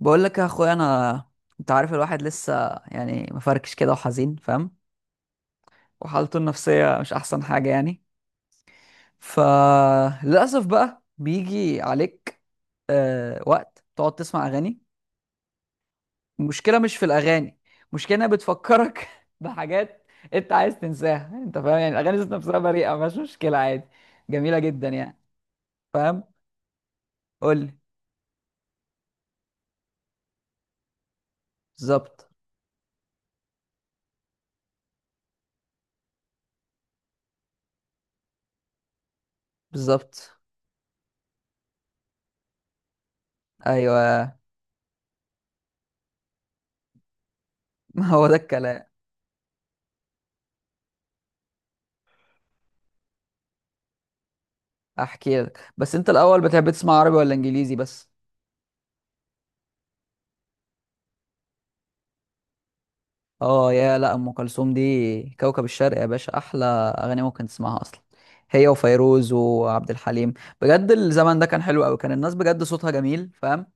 بقول لك يا اخويا انا، انت عارف الواحد لسه يعني مفركش كده وحزين، فاهم؟ وحالته النفسيه مش احسن حاجه يعني. فللاسف بقى بيجي عليك وقت تقعد تسمع اغاني. المشكله مش في الاغاني، المشكله انها بتفكرك بحاجات انت عايز تنساها. انت فاهم؟ يعني الاغاني ذات نفسها بريئه مفيهاش مشكله، عادي، جميله جدا يعني، فاهم؟ قول لي. بالظبط. بالظبط. ايوه. هو ده الكلام. احكي لك، بس انت الاول بتحب تسمع عربي ولا انجليزي؟ بس. اه يا، لا ام كلثوم دي كوكب الشرق يا باشا، احلى اغاني ممكن تسمعها اصلا، هي وفيروز وعبد الحليم. بجد الزمن ده كان حلو قوي، كان الناس بجد صوتها جميل، فاهم؟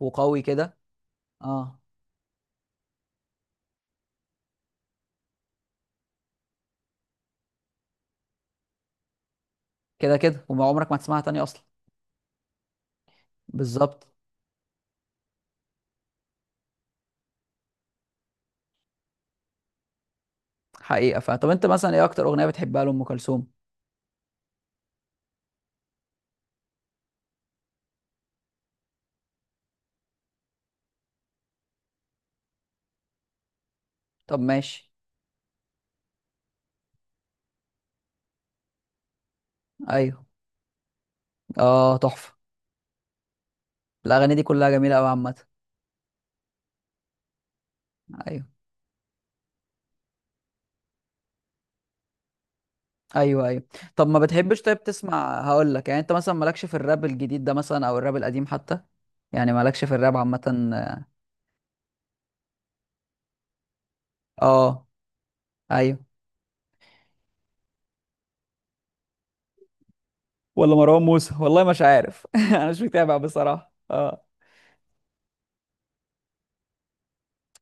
وقوي كده. اه، كده كده وما عمرك ما تسمعها تاني اصلا. بالظبط. حقيقة، فاهم. طب انت مثلا ايه اكتر اغنية بتحبها لام كلثوم؟ طب ماشي. ايوه. اه تحفة. الاغاني دي كلها جميلة قوي عامة. ايوه. ايوه ايوه. طب ما بتحبش طيب تسمع، هقول لك يعني، انت مثلا مالكش في الراب الجديد ده مثلا او الراب القديم حتى؟ يعني مالكش في الراب عامه. اه. ايوه. ولا مروان موسى، والله مش عارف. انا مش متابع بصراحه، اه.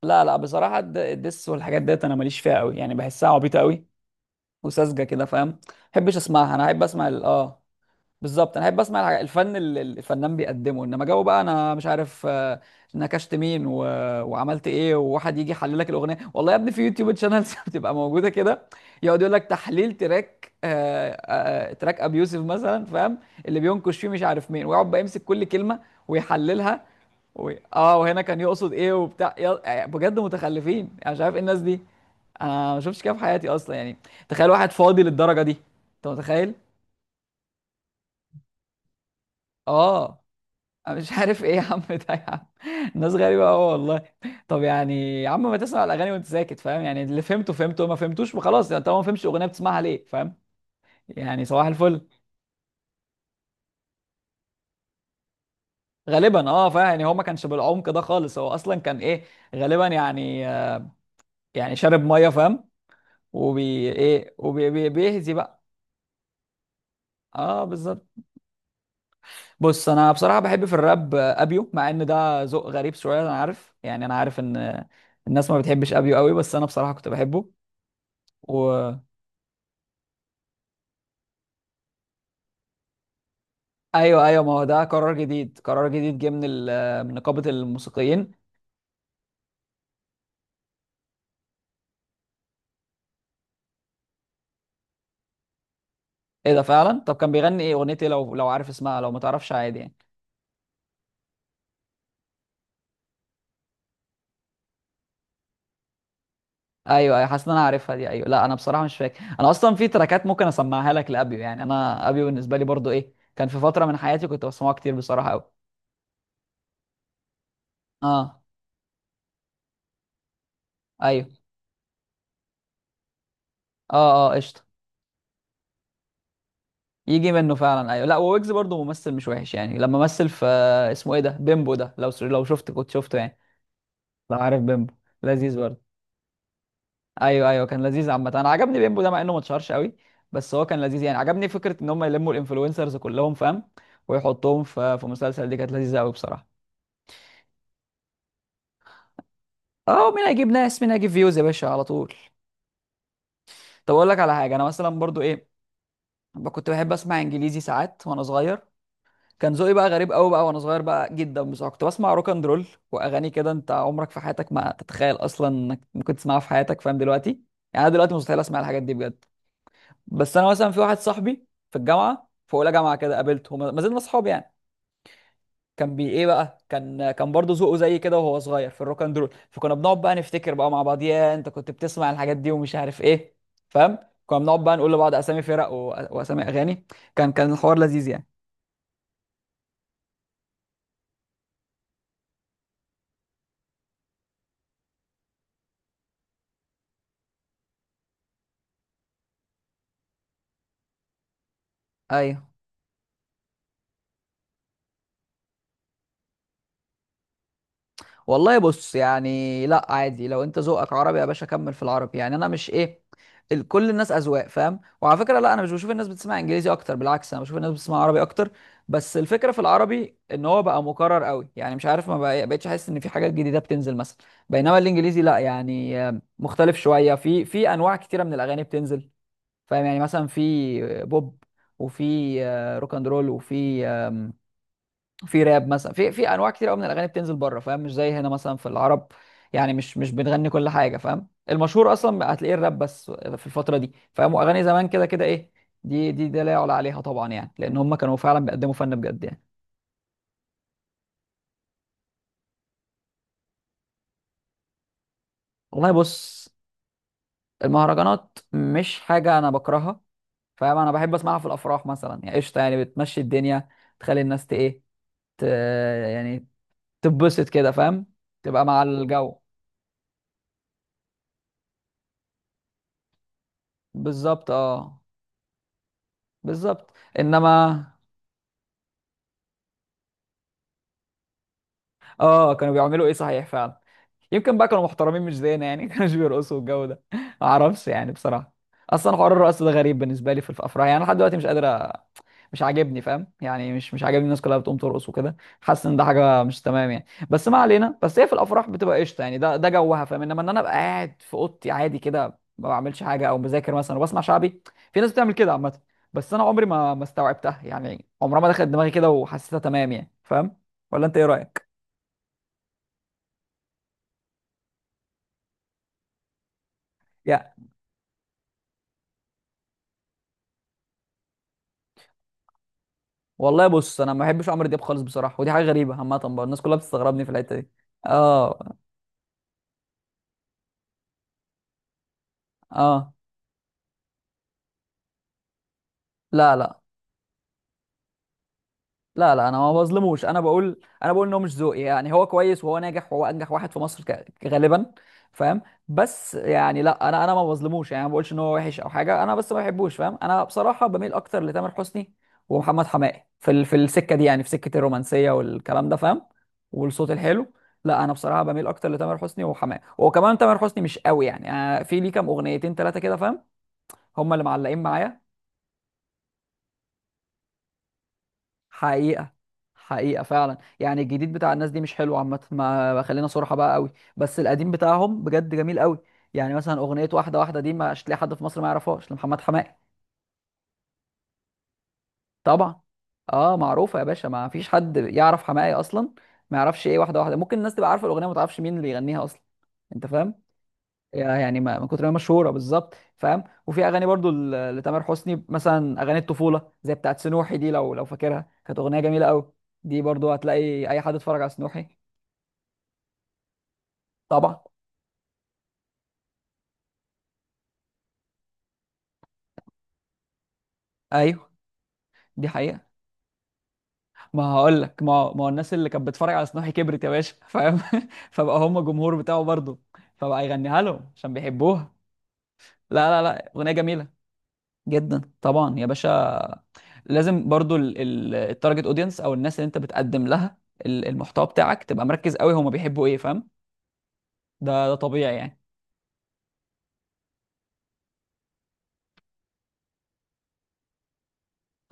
لا لا بصراحه الدس والحاجات ديت انا ماليش فيها قوي يعني، بحسها عبيطه قوي وساذجه كده، فاهم؟ ما بحبش اسمعها. انا احب اسمع اه، بالظبط، انا احب اسمع الفن اللي الفنان بيقدمه. انما جو بقى انا مش عارف نكشت مين وعملت ايه، وواحد يجي يحلل لك الاغنيه، والله يا ابني في يوتيوب شانلز بتبقى موجوده كده. يقعد يقول لك تحليل تراك، تراك ابي يوسف مثلا، فاهم؟ اللي بينكش فيه مش عارف مين، ويقعد بقى يمسك كل كلمه ويحللها اه، وهنا كان يقصد ايه وبتاع يا... آه، بجد متخلفين، انا مش عارف ايه الناس دي. انا ما شفتش كده في حياتي اصلا يعني. تخيل واحد فاضي للدرجه دي، انت متخيل؟ اه، أنا مش عارف ايه يا عم ده يا عم. الناس غريبة قوي والله. طب يعني يا عم ما تسمع الأغاني وأنت ساكت، فاهم؟ يعني اللي فهمته فهمته ما فهمتوش خلاص، يعني طالما ما فهمتش أغنية بتسمعها ليه، فاهم؟ يعني صباح الفل غالبا، اه فاهم، يعني هو ما كانش بالعمق ده خالص، هو أصلا كان ايه غالبا يعني شارب مية فاهم، وبي ايه وبيهزي بقى. اه بالظبط. بص انا بصراحة بحب في الراب ابيو، مع ان ده ذوق غريب شوية، انا عارف يعني، انا عارف ان الناس ما بتحبش ابيو قوي، بس انا بصراحة كنت بحبه. و. ايوه ايوه، ما هو ده قرار جديد، قرار جديد جه من من نقابه الموسيقيين. ايه ده فعلا؟ طب كان بيغني ايه، اغنيه ايه؟ لو عارف اسمها، لو ما تعرفش عادي يعني. ايوه ايوه، حاسس ان انا عارفها دي، ايوه. لا انا بصراحه مش فاكر، انا اصلا في تراكات ممكن اسمعها لك لابيو يعني، انا ابيو بالنسبه لي برضو ايه، كان في فتره من حياتي كنت بسمعه كتير بصراحه قوي. اه ايوه. اه اه قشطه، يجي منه فعلا. ايوه، لا وويجز برضو ممثل مش وحش يعني، لما مثل في اسمه ايه ده، بيمبو ده، لو شفت كنت شفته يعني، لو عارف بيمبو، لذيذ برضو. ايوه ايوه كان لذيذ عامه، انا عجبني بيمبو ده مع انه ما اتشهرش قوي، بس هو كان لذيذ يعني. عجبني فكره ان هم يلموا الانفلونسرز كلهم، فاهم؟ ويحطوهم في مسلسل، دي كانت لذيذه قوي بصراحه. اه، مين هيجيب ناس، مين هيجيب فيوز يا باشا على طول. طب اقول لك على حاجه، انا مثلا برضو ايه، كنت بحب اسمع انجليزي ساعات وانا صغير. كان ذوقي بقى غريب قوي بقى وانا صغير بقى جدا بصراحه، كنت بسمع روك اند رول واغاني كده انت عمرك في حياتك ما تتخيل اصلا انك ممكن تسمعها في حياتك، فاهم؟ دلوقتي يعني انا دلوقتي مستحيل اسمع الحاجات دي بجد. بس انا مثلا في واحد صاحبي في الجامعه في اولى جامعه كده قابلته، ما زلنا اصحاب يعني. كان بي ايه بقى، كان برضه ذوقه زي كده وهو صغير في الروك اند رول، فكنا بنقعد بقى نفتكر بقى مع بعض، يا انت كنت بتسمع الحاجات دي ومش عارف ايه، فاهم؟ كنا بنقعد بقى نقول لبعض اسامي فرق واسامي اغاني. كان الحوار لذيذ يعني. ايوه. والله بص يعني، لا عادي، لو انت ذوقك عربي يا باشا كمل في العربي، يعني انا مش ايه، كل الناس اذواق فاهم. وعلى فكره، لا انا مش بشوف الناس بتسمع انجليزي اكتر، بالعكس انا بشوف الناس بتسمع عربي اكتر. بس الفكره في العربي ان هو بقى مكرر قوي يعني مش عارف ما، بقتش احس ان في حاجات جديده بتنزل مثلا. بينما الانجليزي لا يعني، مختلف شويه في انواع كتيره من الاغاني بتنزل، فاهم؟ يعني مثلا في بوب، وفي روك اند رول، وفي في راب مثلا، في انواع كتير قوي من الاغاني بتنزل بره، فاهم؟ مش زي هنا مثلا في العرب. يعني مش بنغني كل حاجه، فاهم؟ المشهور اصلا هتلاقيه الراب بس في الفتره دي، فاهم؟ واغاني زمان كده كده ايه، دي لا يعلى عليها طبعا يعني، لان هم كانوا فعلا بيقدموا فن بجد يعني. والله بص، المهرجانات مش حاجه انا بكرهها، فاهم؟ انا بحب اسمعها في الافراح مثلا يعني، قشطه يعني، بتمشي الدنيا، تخلي الناس ت ايه، ت يعني تتبسط كده، فاهم؟ تبقى مع الجو. بالظبط اه. بالظبط. انما اه كانوا بيعملوا ايه صحيح فعلا. يمكن بقى كانوا محترمين مش زينا يعني، كانوش بيرقصوا الجو ده ما اعرفش يعني بصراحه. اصلا حوار الرقص ده غريب بالنسبه لي في الافراح، يعني أنا لحد دلوقتي مش قادر مش عاجبني، فاهم؟ يعني مش عاجبني الناس كلها بتقوم ترقص وكده. حاسس ان ده حاجه مش تمام يعني، بس ما علينا، بس هي في الافراح بتبقى قشطه يعني، ده جوها، فاهم؟ انما ان انا ابقى قاعد في اوضتي عادي كده ما بعملش حاجه او بذاكر مثلا وبسمع شعبي. في ناس بتعمل كده عامه، بس انا عمري ما استوعبتها يعني، عمرها ما دخلت دماغي كده وحسيتها تمام يعني، فاهم؟ ولا انت ايه رايك؟ والله بص، انا ما بحبش عمرو دياب خالص بصراحه، ودي حاجه غريبه عامه برضه الناس كلها بتستغربني في الحته دي. اه اه. لا لا. لا لا، انا ما بظلموش، انا بقول ان هو مش ذوقي يعني، هو كويس وهو ناجح وهو انجح واحد في مصر غالبا، فاهم؟ بس يعني، لا انا ما بظلموش يعني، ما بقولش ان هو وحش او حاجه، انا بس ما بحبوش، فاهم؟ انا بصراحه بميل اكتر لتامر حسني ومحمد حماقي في في السكه دي يعني، في سكه الرومانسيه والكلام ده، فاهم؟ والصوت الحلو. لا انا بصراحه بميل اكتر لتامر حسني وحماقي، وكمان تامر حسني مش قوي يعني، أنا في ليه كام اغنيتين ثلاثه كده فاهم، هم اللي معلقين معايا. حقيقة. حقيقة فعلا يعني، الجديد بتاع الناس دي مش حلو عامة، ما خلينا صراحة بقى قوي. بس القديم بتاعهم بجد جميل قوي، يعني مثلا أغنية واحدة واحدة دي مش هتلاقي حد في مصر ما يعرفهاش لمحمد حماقي. طبعا. اه معروفة يا باشا، ما فيش حد يعرف حماقي أصلا ما يعرفش ايه واحدة واحدة. ممكن الناس تبقى عارفة الأغنية ما تعرفش مين اللي يغنيها أصلا، أنت فاهم؟ يعني من كتر ما هي مشهوره، بالظبط، فاهم؟ وفي اغاني برضو لتامر حسني مثلا، اغاني الطفوله زي بتاعت سنوحي دي، لو فاكرها، كانت اغنيه جميله قوي. دي برضو هتلاقي اي حد اتفرج على سنوحي. طبعا. ايوه. دي حقيقه، ما هقول لك، ما هو الناس اللي كانت بتتفرج على سنوحي كبرت يا باشا، فاهم؟ فبقى هم جمهور بتاعه برضو، فبقى يغنيها لهم عشان بيحبوها. لا لا لا، اغنيه جميله جدا طبعا يا باشا. لازم برضو التارجت اودينس او الناس اللي انت بتقدم لها المحتوى بتاعك، تبقى مركز قوي هما بيحبوا ايه، فاهم؟ ده طبيعي يعني.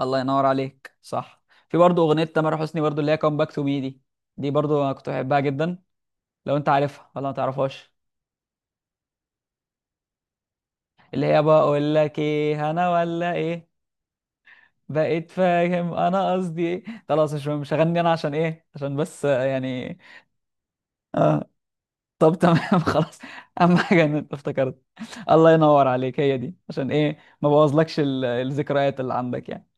الله ينور عليك، صح. في برضو اغنيه تامر حسني برضو اللي هي كام باك تو مي دي، دي برضو انا كنت بحبها جدا، لو انت عارفها ولا ما تعرفهاش، اللي هي بقول لك ايه، انا ولا ايه، بقيت فاهم انا قصدي ايه، خلاص مش هغني انا، عشان ايه؟ عشان بس يعني آه. طب تمام. خلاص، اهم حاجه ان انت افتكرت. الله ينور عليك، هي دي عشان ايه ما بوظلكش الذكريات اللي عندك يعني.